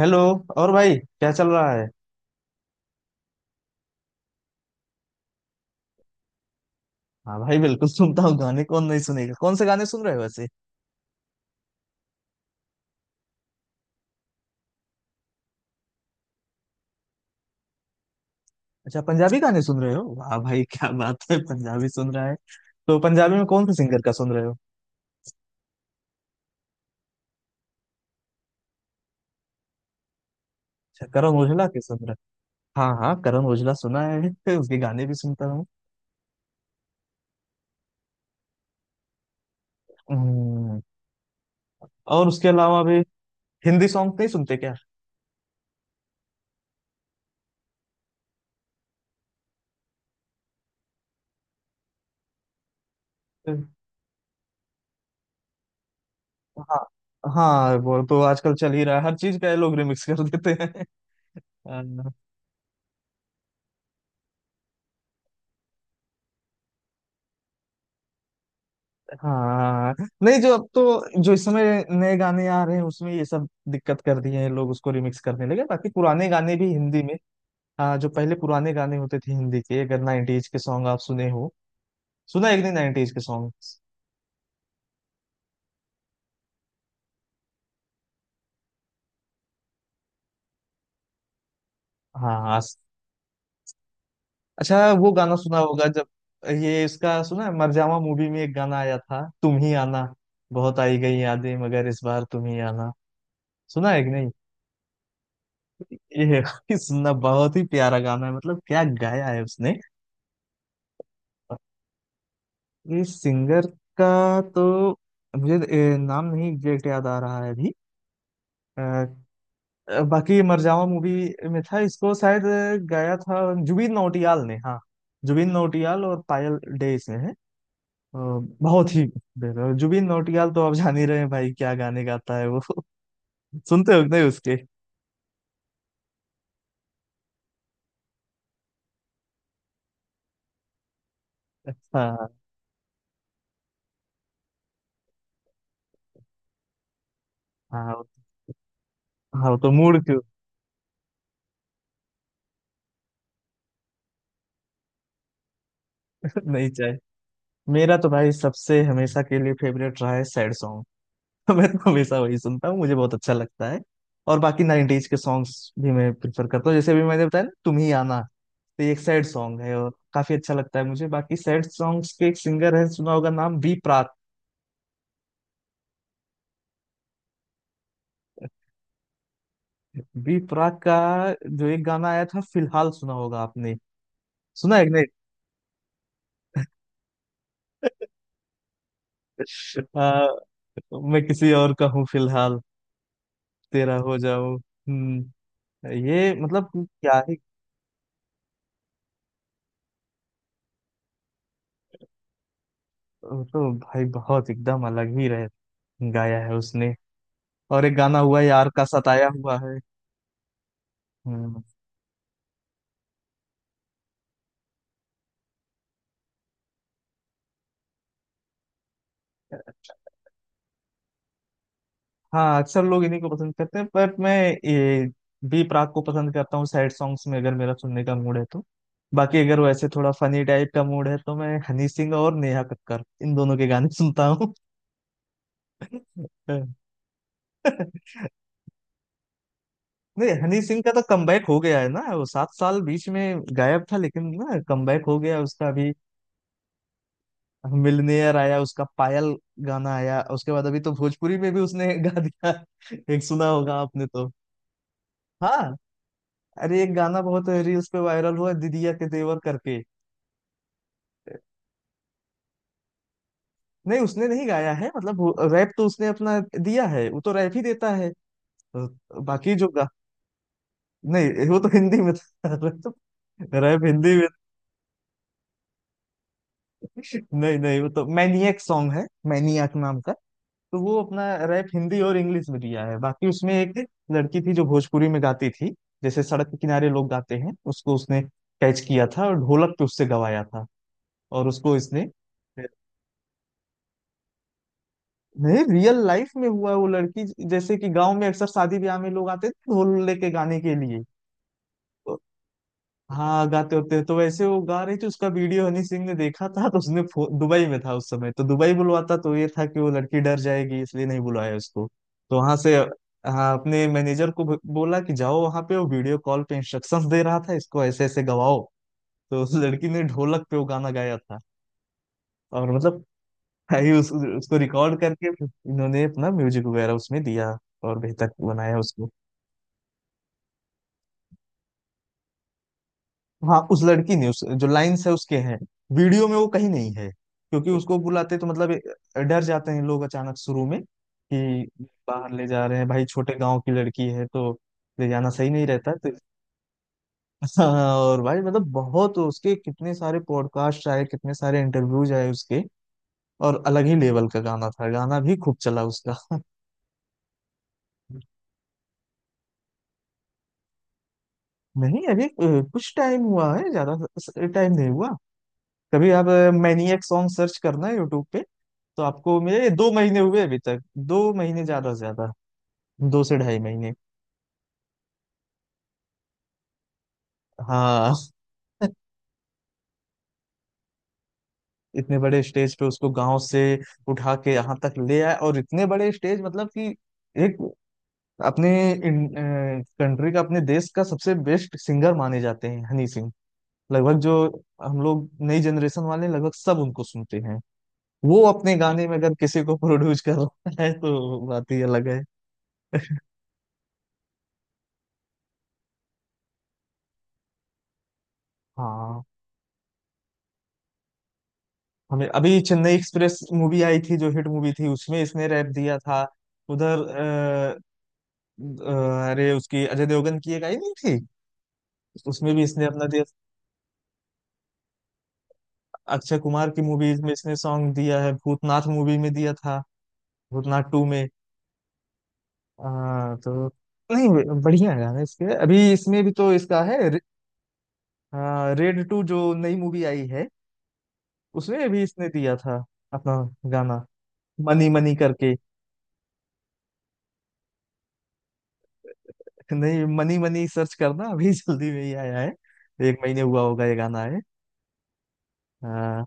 Hello. और भाई क्या चल रहा है? हाँ भाई, बिल्कुल सुनता हूँ गाने। कौन नहीं सुनेगा? कौन से गाने सुन रहे हो वैसे? अच्छा, पंजाबी गाने सुन रहे हो। वाह भाई, क्या बात है, पंजाबी सुन रहा है। तो पंजाबी में कौन से सिंगर का सुन रहे हो? अच्छा करण ओजला के सुन रहे। हो हाँ हाँ, करण ओजला सुना है। फिर उसके गाने भी सुनता हूँ। हम्म। और उसके अलावा भी? हिंदी सॉन्ग नहीं सुनते क्या? हाँ। हाँ वो तो आजकल चल ही रहा है, हर चीज का ये लोग रिमिक्स कर देते हैं। हाँ। नहीं, जो अब तो जो इस समय नए गाने आ रहे हैं उसमें ये सब दिक्कत कर दिए हैं, लोग उसको रिमिक्स करने लगे। बाकी पुराने गाने भी हिंदी में। हाँ, जो पहले पुराने गाने होते थे हिंदी के, अगर 90s के सॉन्ग आप सुने हो। सुना एक दिन 90s के सॉन्ग। हाँ हाँ। अच्छा, वो गाना सुना होगा जब। ये इसका सुना है, मरजावा मूवी में एक गाना आया था, तुम ही आना। बहुत आई गई यादें मगर इस बार तुम ही आना। सुना है कि नहीं? ये सुनना, बहुत ही प्यारा गाना है, मतलब क्या गाया है उसने। ये सिंगर का तो मुझे नाम नहीं एग्जैक्ट याद आ रहा है अभी अ, बाकी मरजावा मूवी में था, इसको शायद गाया था जुबिन नौटियाल ने। हाँ। जुबिन नौटियाल और पायल डे इसमें है अ, बहुत ही बेहतर। जुबिन नौटियाल तो आप जान ही रहे हैं भाई, क्या गाने गाता है वो। सुनते हो कि नहीं उसके? हाँ हाँ हाँ, वो तो मूड क्यों। नहीं चाहिए। मेरा तो भाई सबसे हमेशा के लिए फेवरेट रहा है सैड सॉन्ग। मैं तो हमेशा वही सुनता हूँ, मुझे बहुत अच्छा लगता है। और बाकी 90s के सॉन्ग्स भी मैं प्रिफर करता हूँ, जैसे अभी मैंने बताया ना तुम ही आना। तो ये एक सैड सॉन्ग है और काफी अच्छा लगता है मुझे। बाकी सैड सॉन्ग्स के एक सिंगर है, सुना होगा नाम, बी प्राक। बी प्राक का जो एक गाना आया था फिलहाल, सुना होगा आपने? सुना है कि नहीं? आ, मैं किसी और का हूँ फिलहाल। तेरा हो जाऊं। हम्म। ये मतलब क्या ही। तो भाई बहुत एकदम अलग ही रह गाया है उसने। और एक गाना हुआ है, यार का सताया हुआ है। हम्म। हाँ, अक्सर लोग इन्हीं को पसंद करते हैं बट मैं ये बी प्राक को पसंद करता हूँ सैड सॉन्ग्स में, अगर मेरा सुनने का मूड है तो। बाकी अगर वो ऐसे थोड़ा फनी टाइप का मूड है तो मैं हनी सिंह और नेहा कक्कर इन दोनों के गाने सुनता हूँ। हाँ। नहीं, हनी सिंह का तो कमबैक हो गया है ना, वो सात साल बीच में गायब था लेकिन ना, कमबैक हो गया उसका अभी। मिलनेयर आया उसका, पायल गाना आया, उसके बाद अभी तो भोजपुरी में भी उसने गा दिया। एक सुना होगा आपने तो। हाँ, अरे एक गाना बहुत रील्स पे वायरल हुआ, दीदिया के देवर करके। नहीं, उसने नहीं गाया है मतलब। रैप तो उसने अपना दिया है, वो तो रैप ही देता है। बाकी जो गा। नहीं वो तो हिंदी में था। तो रैप हिंदी में। नहीं नहीं, वो तो मैनियक सॉन्ग है, मैनियक नाम का। तो वो अपना रैप हिंदी और इंग्लिश में दिया है, बाकी उसमें एक लड़की थी जो भोजपुरी में गाती थी। जैसे सड़क के किनारे लोग गाते हैं, उसको उसने कैच किया था और ढोलक पे उससे गवाया था, और उसको इसने। नहीं, रियल लाइफ में हुआ है। वो लड़की जैसे कि गांव में अक्सर शादी ब्याह में लोग आते थे ढोल लेके गाने के लिए। तो हाँ, गाते होते हैं तो वैसे वो गा रही थी, उसका वीडियो हनी सिंह ने देखा था। तो उसने दुबई में था उस समय, तो दुबई बुलवाता तो ये था कि वो लड़की डर जाएगी, इसलिए नहीं बुलाया उसको। तो वहां से हाँ, अपने मैनेजर को बोला कि जाओ वहां पे। वो वीडियो कॉल पे इंस्ट्रक्शंस दे रहा था इसको, ऐसे ऐसे गवाओ। तो उस लड़की ने ढोलक पे वो गाना गाया था और मतलब। भाई उसको रिकॉर्ड करके फिर इन्होंने अपना म्यूजिक वगैरह उसमें दिया और बेहतर बनाया उसको। हाँ उस लड़की ने, उस जो लाइंस है उसके हैं, वीडियो में वो कहीं नहीं है क्योंकि उसको बुलाते तो मतलब डर जाते हैं लोग अचानक शुरू में कि बाहर ले जा रहे हैं भाई, छोटे गांव की लड़की है तो, ले जाना सही नहीं रहता तो। हाँ और भाई मतलब बहुत, उसके कितने सारे पॉडकास्ट आए, कितने सारे इंटरव्यूज आए उसके, और अलग ही लेवल का गाना था, गाना भी खूब चला उसका। नहीं अभी कुछ टाइम हुआ है, ज्यादा टाइम नहीं हुआ। कभी आप मैनिएक सॉन्ग सर्च करना यूट्यूब पे। तो आपको मेरे, ये दो महीने हुए अभी तक, दो महीने ज्यादा से ज्यादा, दो से ढाई महीने। हाँ इतने बड़े स्टेज पे उसको गांव से उठा के यहाँ तक ले आए, और इतने बड़े स्टेज, मतलब कि एक अपने कंट्री का, अपने देश का सबसे बेस्ट सिंगर माने जाते हैं हनी सिंह। लगभग जो हम लोग नई जनरेशन वाले हैं, लगभग सब उनको सुनते हैं। वो अपने गाने में अगर किसी को प्रोड्यूस कर रहा है तो बात ही अलग है। हाँ, हमें अभी चेन्नई एक्सप्रेस मूवी आई थी जो हिट मूवी थी, उसमें इसने रैप दिया था। उधर अरे उसकी अजय देवगन की एक आई नहीं थी, उसमें भी इसने अपना दिया। अक्षय कुमार की मूवीज में इसने सॉन्ग दिया है, भूतनाथ मूवी में दिया था, भूतनाथ टू में तो नहीं। बढ़िया गाने इसके। अभी इसमें भी तो इसका है रे, रेड टू जो नई मूवी आई है, उसमें भी इसने दिया था अपना गाना, मनी मनी करके। नहीं, मनी मनी सर्च करना। अभी जल्दी में ही आया है, एक महीने हुआ होगा ये गाना है। हाँ,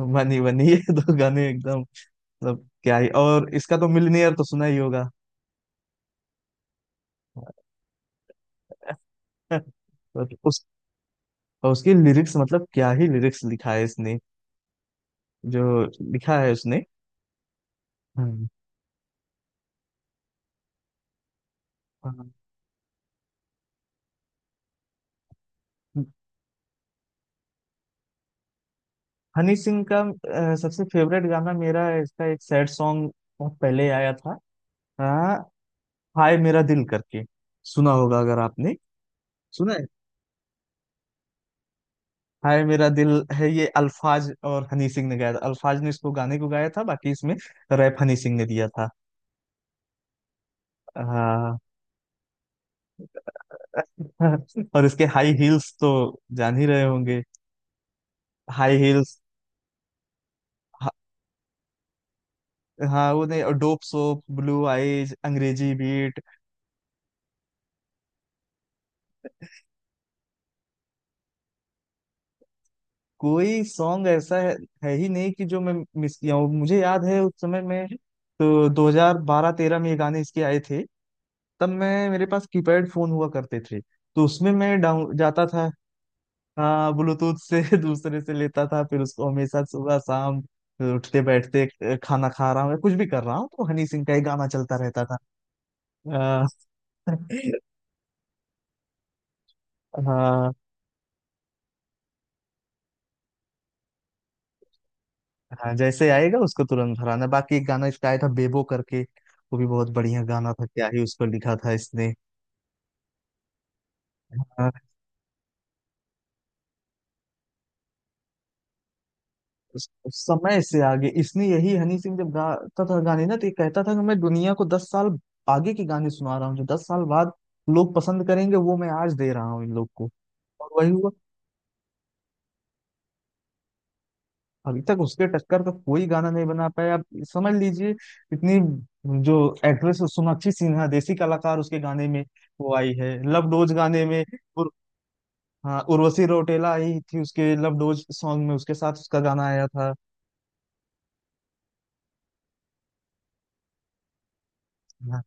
मनी मनी, ये दो गाने एकदम मतलब क्या ही। और इसका तो मिलनियर तो सुना ही होगा। तो उस। और उसकी लिरिक्स मतलब क्या ही लिरिक्स लिखा है इसने, जो लिखा है उसने। हम्म, हाँ। हनी सिंह का सबसे फेवरेट गाना मेरा है, इसका एक सैड सॉन्ग, बहुत पहले आया था हाँ, हाय मेरा दिल करके सुना होगा अगर आपने, सुना है। हाय मेरा दिल है ये, अल्फाज और हनी सिंह ने गाया था। अल्फाज ने इसको गाने को गाया था, बाकी इसमें रैप हनी सिंह ने दिया था। हाँ और इसके हाई हील्स तो जान ही रहे होंगे। High heels. हाँ वो नहीं, और डोप सोप, ब्लू आइज, अंग्रेजी बीट। कोई सॉन्ग ऐसा है ही नहीं कि जो मैं मिस किया हूँ। मुझे याद है उस समय में, तो 2012-13 में ये गाने इसके आए थे। तब मैं, मेरे पास कीपैड फोन हुआ करते थे, तो उसमें मैं डाउन जाता था। हाँ, ब्लूटूथ से दूसरे से लेता था, फिर उसको हमेशा सुबह शाम उठते बैठते खाना खा रहा हूँ या कुछ भी कर रहा हूँ तो हनी सिंह का ही गाना चलता रहता था अ, हाँ हाँ, जैसे आएगा उसको तुरंत भराना। बाकी एक गाना इसका आया था बेबो करके, वो भी बहुत बढ़िया गाना था, क्या ही उसको लिखा था इसने। स- समय से आगे इसने, यही हनी सिंह जब गाता था गाने ना तो ये कहता था कि मैं दुनिया को 10 साल आगे के गाने सुना रहा हूँ, जो 10 साल बाद लोग पसंद करेंगे वो मैं आज दे रहा हूँ इन लोग को। और वही हुआ। अभी तक उसके टक्कर का कोई गाना नहीं बना पाया, आप समझ लीजिए। इतनी जो एक्ट्रेस सोनाक्षी सिन्हा, देसी कलाकार उसके गाने में, वो आई है लव डोज गाने में उर, हाँ, उर्वशी रौटेला आई थी उसके लव डोज सॉन्ग में, उसके साथ उसका गाना आया था। हाँ,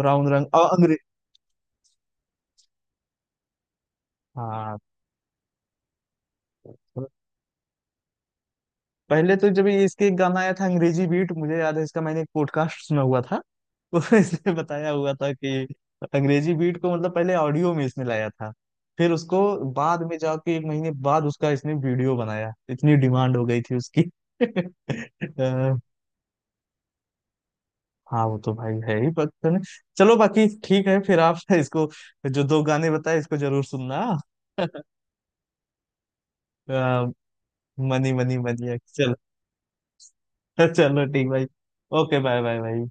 ब्राउन रंग और अंग्रेज। हाँ, पहले तो जब ये इसके एक गाना आया था अंग्रेजी बीट, मुझे याद है इसका, मैंने एक पॉडकास्ट सुना हुआ था। उसमें इसने बताया हुआ था कि अंग्रेजी बीट को मतलब पहले ऑडियो में इसने लाया था, फिर उसको बाद में जाके एक महीने बाद उसका इसने वीडियो बनाया, इतनी डिमांड हो गई थी उसकी। अ, हाँ वो तो भाई है ही, पता नहीं। चलो बाकी ठीक है फिर आप इसको जो दो गाने बताए इसको जरूर सुनना। अ, मनी मनी मनी चलो। चलो ठीक भाई। ओके बाय बाय भाई।